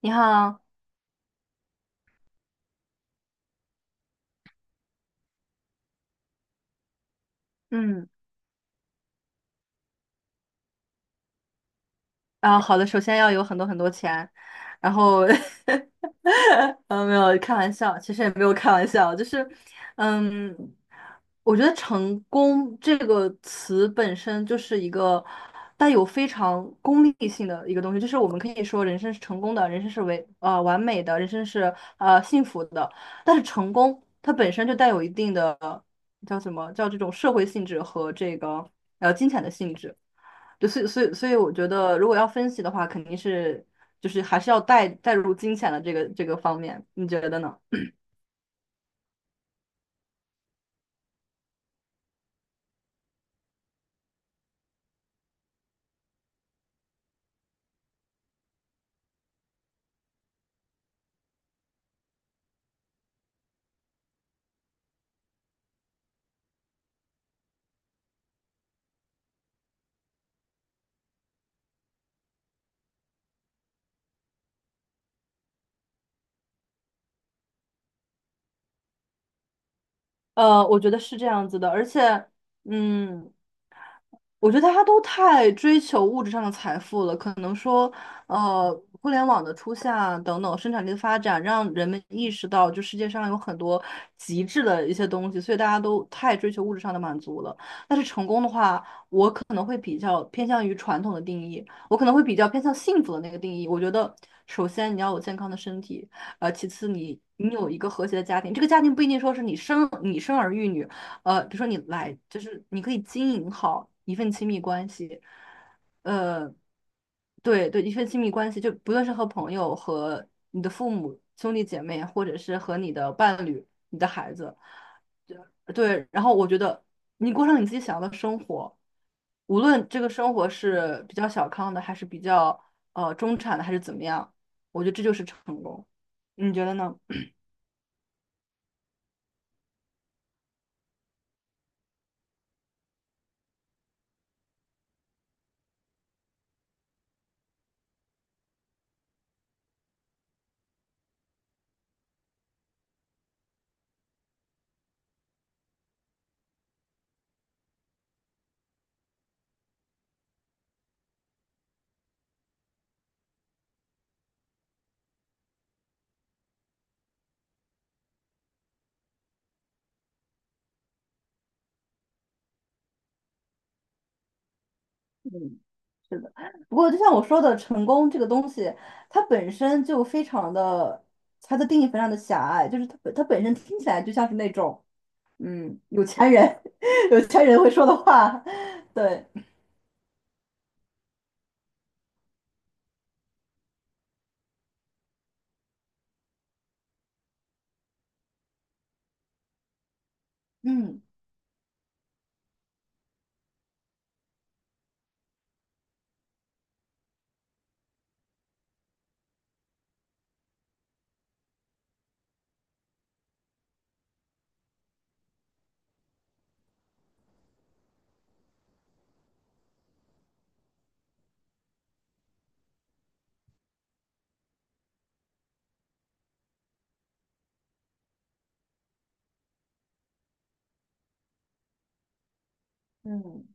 你好。嗯，好的，首先要有很多很多钱，然后，没有开玩笑，其实也没有开玩笑，就是，嗯，我觉得成功这个词本身就是一个带有非常功利性的一个东西，就是我们可以说人生是成功的，人生是完美的，人生是幸福的，但是成功它本身就带有一定的叫什么叫这种社会性质和这个金钱的性质。对，所以，我觉得如果要分析的话，肯定是就是还是要带入金钱的这个方面，你觉得呢？我觉得是这样子的，而且，嗯，我觉得大家都太追求物质上的财富了，可能说，呃，互联网的出现啊等等，生产力的发展，让人们意识到，就世界上有很多极致的一些东西，所以大家都太追求物质上的满足了。但是成功的话，可能会比较偏向于传统的定义，我可能会比较偏向幸福的那个定义。我觉得，首先你要有健康的身体，其次你有一个和谐的家庭，这个家庭不一定说是你生儿育女，比如说你来就是你可以经营好一份亲密关系，呃，对对，一份亲密关系，就不论是和朋友、和你的父母、兄弟姐妹，或者是和你的伴侣、你的孩子。对，然后我觉得你过上你自己想要的生活，无论这个生活是比较小康的，还是比较中产的，还是怎么样，我觉得这就是成功。你觉得呢？嗯，是的。不过就像我说的，成功这个东西，它本身就非常的，它的定义非常的狭隘，就是它本身听起来就像是那种，有钱人，有钱人会说的话，对，嗯嗯。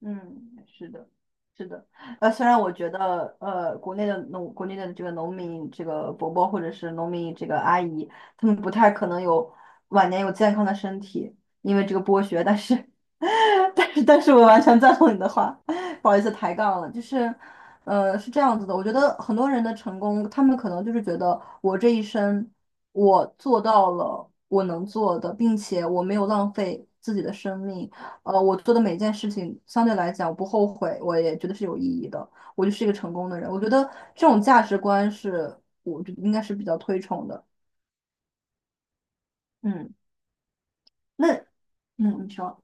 嗯，是的，是的。虽然我觉得，国内的这个农民，这个伯伯或者是农民这个阿姨，他们不太可能有晚年有健康的身体，因为这个剥削。但是，但是我完全赞同你的话，不好意思抬杠了。就是，是这样子的。我觉得很多人的成功，他们可能就是觉得我这一生我做到了我能做的，并且我没有浪费自己的生命。我做的每件事情相对来讲我不后悔，我也觉得是有意义的，我就是一个成功的人。我觉得这种价值观是我觉得应该是比较推崇的。嗯，那你说。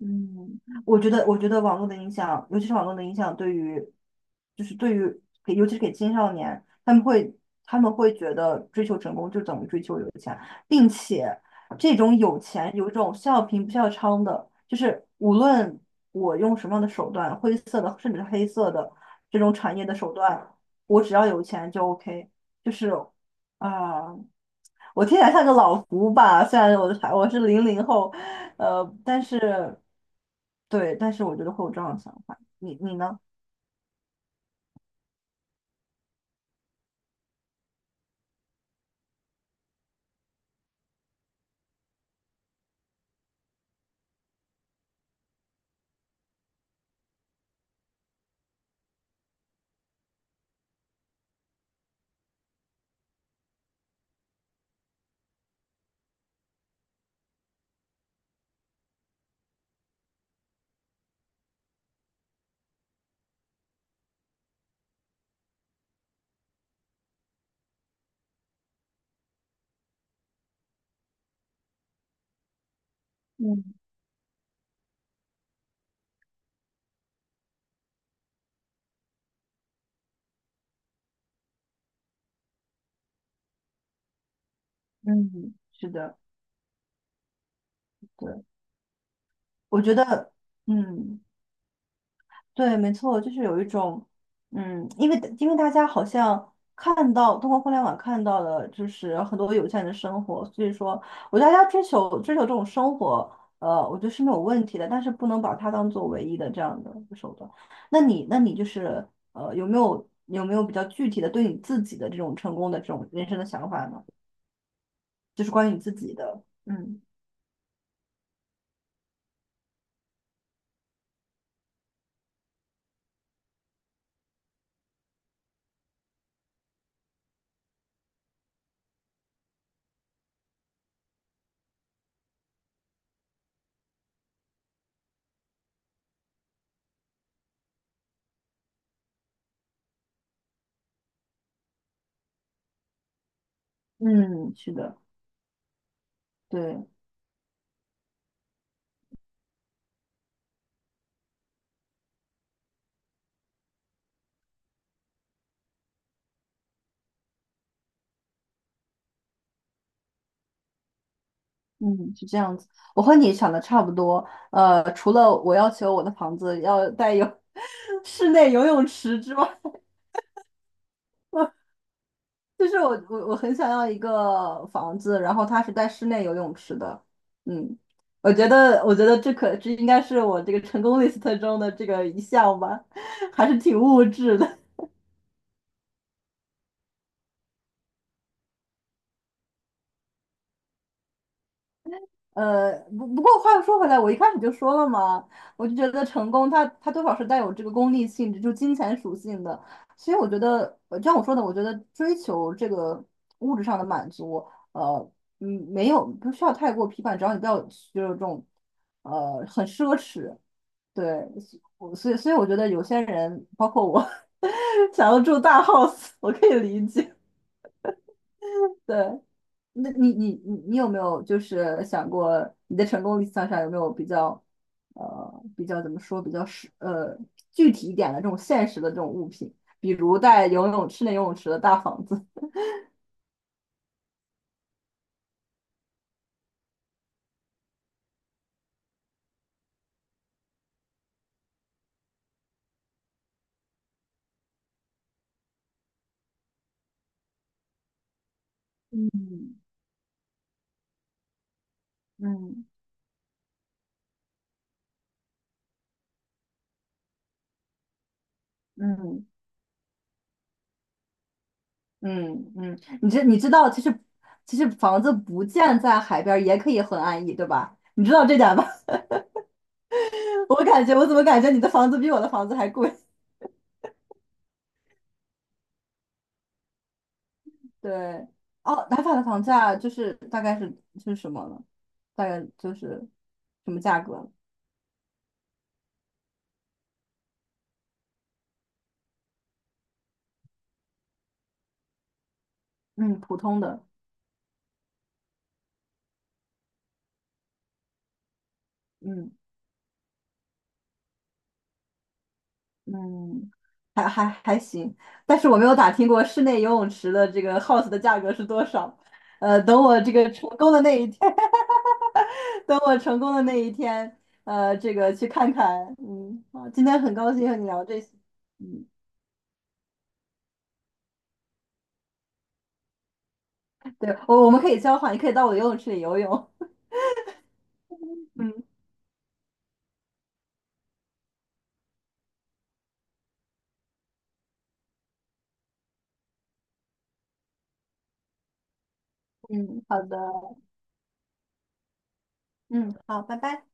嗯，我觉得网络的影响，尤其是网络的影响，对于，就是对于给，尤其是给青少年，他们会，觉得追求成功就等于追求有钱，并且这种有钱有一种笑贫不笑娼的，就是无论我用什么样的手段，灰色的甚至是黑色的这种产业的手段，我只要有钱就 OK，就是啊、我听起来像个老胡吧，虽然我是零零后，但是对，但是我觉得会有这样的想法。你呢？嗯嗯，是的，对，我觉得，嗯。对，没错，就是有一种，因为大家好像看到通过互联网看到了，就是很多有钱人的生活，所以说，我觉得大家追求这种生活，我觉得是没有问题的，但是不能把它当做唯一的这样的一个手段。那你就是，有没有比较具体的对你自己的这种成功的这种人生的想法呢？就是关于你自己的，嗯嗯，是的，对。嗯，是这样子，我和你想的差不多。除了我要求我的房子要带有 室内游泳池之外，就是我很想要一个房子，然后它是带室内游泳池的。嗯，我觉得这应该是我这个成功 list 中的这个一项吧，还是挺物质的。不过话又说回来，我一开始就说了嘛，我就觉得成功它多少是带有这个功利性质，就金钱属性的。所以我觉得，就像我说的，我觉得追求这个物质上的满足，呃，没有不需要太过批判，只要你不要就是这种，很奢侈。对，所以我觉得有些人，包括我，想要住大 house，我可以理解。对，那你有没有就是想过你的成功理想上有没有比较比较怎么说比较具体一点的这种现实的这种物品，比如带室内游泳池的大房子。嗯嗯嗯嗯，你知道其实房子不建在海边儿也可以很安逸，对吧？你知道这点吧？我感觉我怎么感觉你的房子比我的房子还贵？对，哦，打法的房价就是大概是什么呢？大概就是什么价格？嗯，普通的。嗯嗯，还行，但是我没有打听过室内游泳池的这个 house 的价格是多少。等我这个成功的那一天，等我成功的那一天，这个去看看。嗯，好，今天很高兴和你聊这些。嗯，对，我们可以交换，你可以到我的游泳池里游泳。嗯嗯，好的，嗯，好，拜拜。